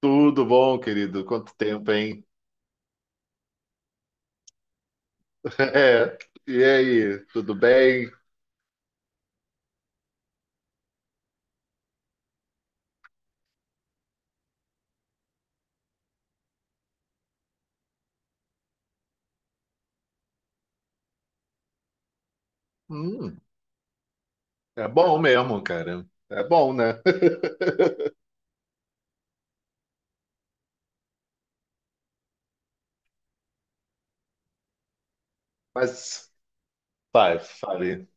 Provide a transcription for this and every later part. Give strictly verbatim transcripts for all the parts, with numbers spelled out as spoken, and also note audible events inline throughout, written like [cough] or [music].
Tudo bom, querido? Quanto tempo, hein? [laughs] É. E aí, tudo bem? Hum, é bom mesmo, cara. É bom, né? [laughs] Mas fale, fale.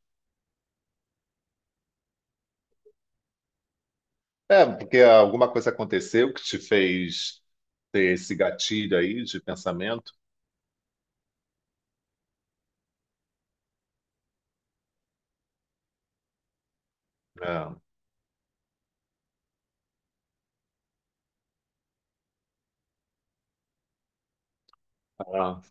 É, porque alguma coisa aconteceu que te fez ter esse gatilho aí de pensamento? É. Ah.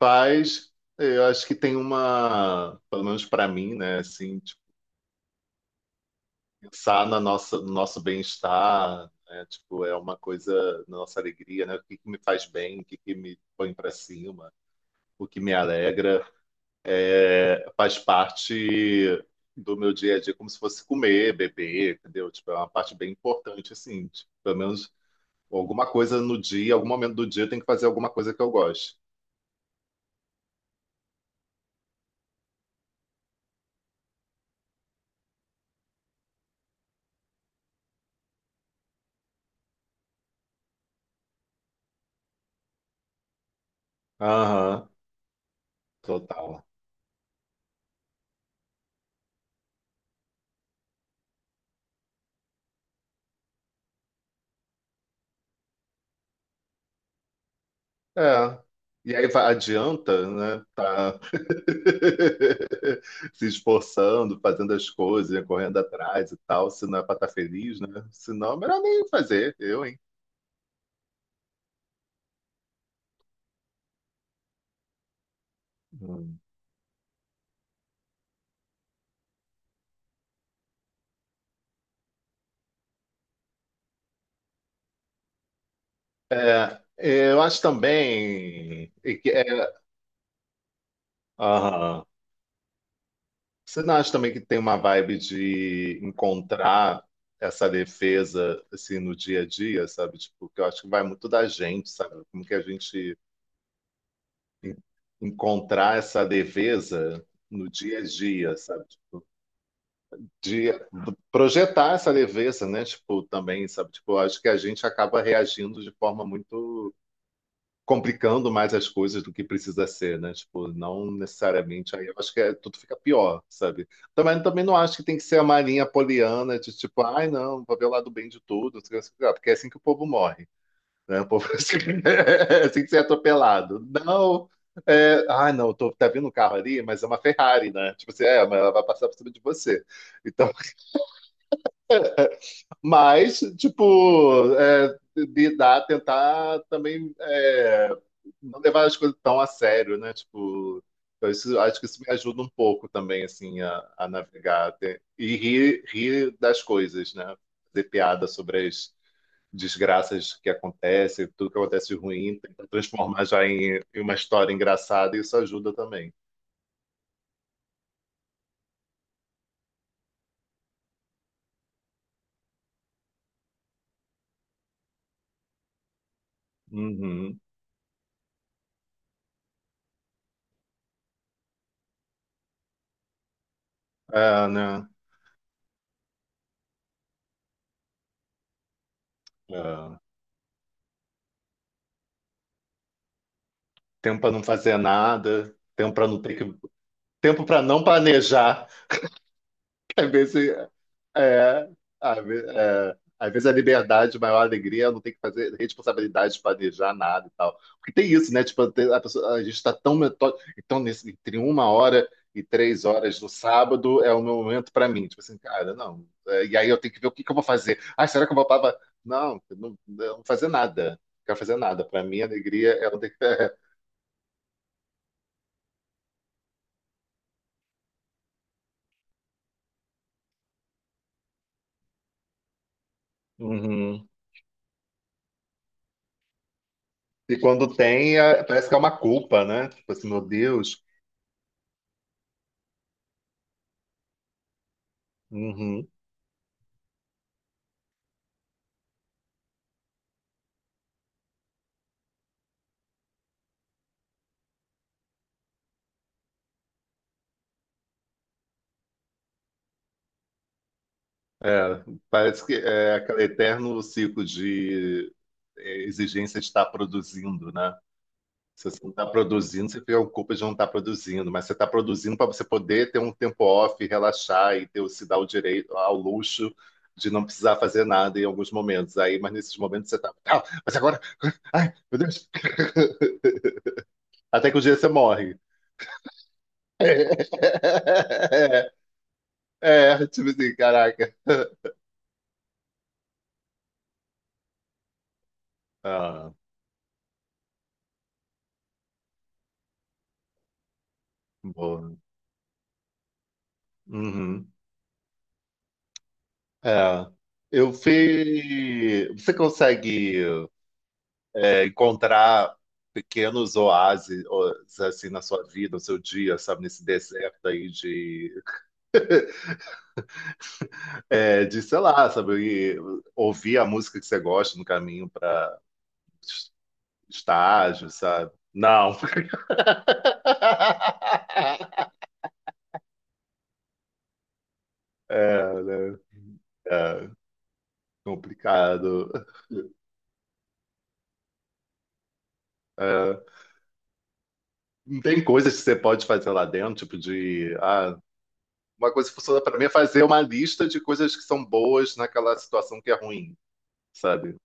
Faz, eu acho que tem uma, pelo menos pra mim, né? Assim, pensar na nossa, no nosso bem-estar, né? Tipo, é uma coisa, na nossa alegria, né? O que que me faz bem, o que que me põe para cima, o que me alegra, é, faz parte do meu dia a dia, como se fosse comer, beber, entendeu? Tipo, é uma parte bem importante, assim, tipo, pelo menos alguma coisa no dia, algum momento do dia, eu tenho que fazer alguma coisa que eu goste. Aham, total. É. E aí vai- adianta, né? Tá [laughs] se esforçando, fazendo as coisas, né, correndo atrás e tal, se não é para estar feliz, né? Se não, é melhor nem fazer, eu, hein? Hum. É, eu acho também e que é, aham. Você não acha também que tem uma vibe de encontrar essa defesa assim no dia a dia, sabe? Tipo, que eu acho que vai muito da gente, sabe? Como que a gente en- encontrar essa leveza no dia a dia, sabe? De projetar essa leveza, né? Tipo, também, sabe? Tipo, acho que a gente acaba reagindo de forma muito complicando mais as coisas do que precisa ser, né? Tipo, não necessariamente aí eu acho que é- tudo fica pior, sabe? Também também não acho que tem que ser a marinha poliana de tipo, ai não, vou ver o lado bem de tudo, não sei o que, não sei o que lá, porque é assim que o povo morre né? O povo [laughs] assim, assim que você é atropelado. Não. É, ah, não, tô, tá vindo um carro ali, mas é uma Ferrari, né? Tipo assim, é, mas ela vai passar por cima de você. Então, [laughs] mas, tipo, é, lidar, tentar também é, não levar as coisas tão a sério, né? Tipo, então isso, acho que isso me ajuda um pouco também, assim, a, a navegar. Ter- E rir, rir das coisas, né? Fazer piada sobre as, desgraças que acontecem, tudo que acontece de ruim, tentar transformar já em, em uma história engraçada, e isso ajuda também. Uhum. É, né? É. Tempo para não fazer nada, tempo para não ter que, tempo para não planejar. Às vezes, é, às ve- é, às vezes a liberdade, a maior alegria, é não tem que fazer responsabilidade de planejar nada e tal. Porque tem isso, né? Tipo, tem- a pessoa- a gente está tão metódico. Então, nesse, entre uma hora e três horas do sábado é o meu momento para mim. Tipo assim, cara, não. É, e aí eu tenho que ver o que que eu vou fazer. Ah, será que eu vou para. Não, eu não, eu não vou fazer nada. Não quero fazer nada. Para mim, a alegria é o. de- [laughs] Uhum. E quando tem, é- parece que é uma culpa, né? Tipo assim, meu Deus. Uhum. É, parece que é aquele eterno ciclo de é, exigência de estar produzindo, né? Se você não está produzindo, você fica com culpa de não estar produzindo, mas você está produzindo para você poder ter um tempo off, relaxar e ter, o- se dar o direito ao luxo de não precisar fazer nada em alguns momentos. Aí, mas nesses momentos você está, ah, mas agora, ai, meu Deus, [laughs] até que o dia você morre. [laughs] É, é, tipo assim, caraca. [laughs] Ah, boa. Uhum. É, eu fui. Você consegue é, encontrar pequenos oásis ó, assim na sua vida, no seu dia, sabe, nesse deserto aí de, é, de sei lá, sabe, e ouvir a música que você gosta no caminho para estágio, sabe? Não. [laughs] É, né? É, complicado. É, não tem coisas que você pode fazer lá dentro, tipo de, ah, uma coisa que funciona para mim é fazer uma lista de coisas que são boas naquela situação que é ruim, sabe?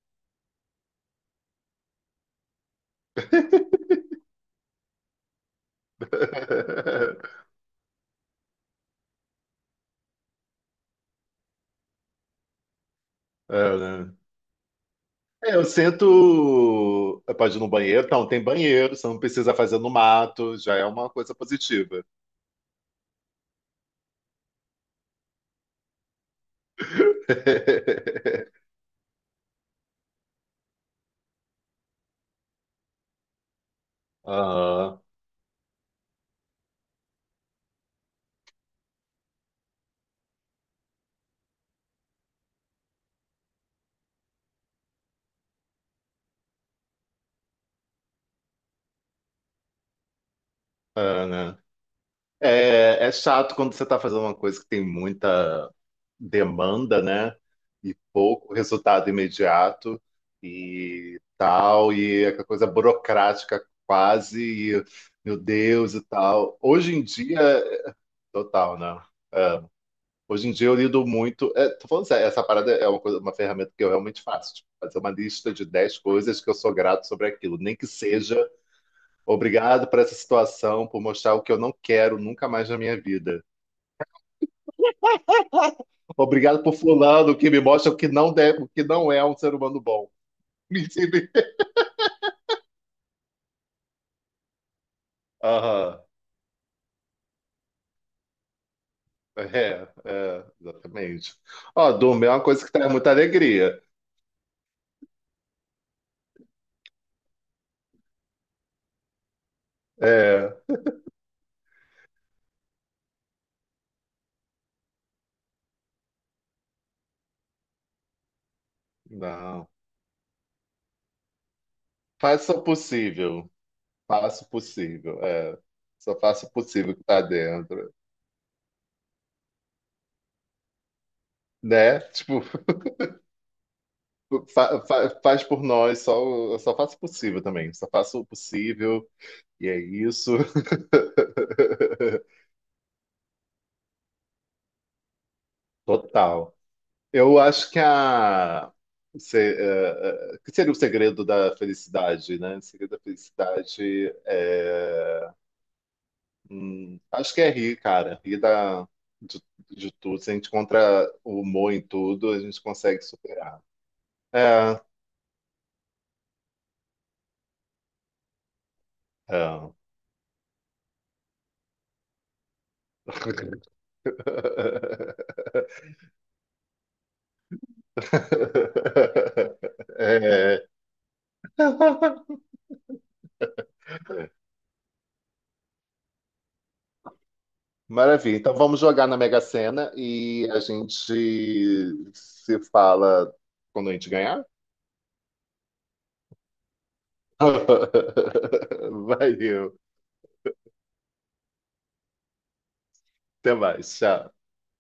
[laughs] É, né? É, eu sinto. Pode ir no banheiro? Então, tem banheiro, você não precisa fazer no mato, já é uma coisa positiva. [laughs] Ah, é, né? É, é chato quando você está fazendo uma coisa que tem muita demanda, né? E pouco resultado imediato e tal, e é aquela coisa burocrática quase, e, meu Deus e tal. Hoje em dia, total, né? Hoje em dia eu lido muito. É, tô falando sério, essa parada é uma coisa, uma ferramenta que eu realmente faço. Tipo, fazer uma lista de dez coisas que eu sou grato sobre aquilo. Nem que seja obrigado por essa situação, por mostrar o que eu não quero nunca mais na minha vida. Obrigado por fulano, que me mostra o que não deve, o que não é um ser humano bom. [laughs] Me ensine. Aham. É, é, exatamente. Ó, Duma, é uma coisa que traz muita alegria. É, não. Faça o possível. Faça o possível. É. Só faça o possível que tá dentro. Né? Tipo, fa- fa- faz por nós, só, o- só faça o possível também. Só faça o possível. E é isso. [laughs] Total. Eu acho que a se, eh, eh, que seria o segredo da felicidade, né? O segredo da felicidade é, hum, acho que é rir, cara, rir da, de, de tudo. Se a gente encontra o humor em tudo, a gente consegue superar. É, é. [laughs] É. Maravilha. Então vamos jogar na Mega Sena e a gente se fala quando a gente ganhar. [laughs] Valeu. Até mais. Tchau.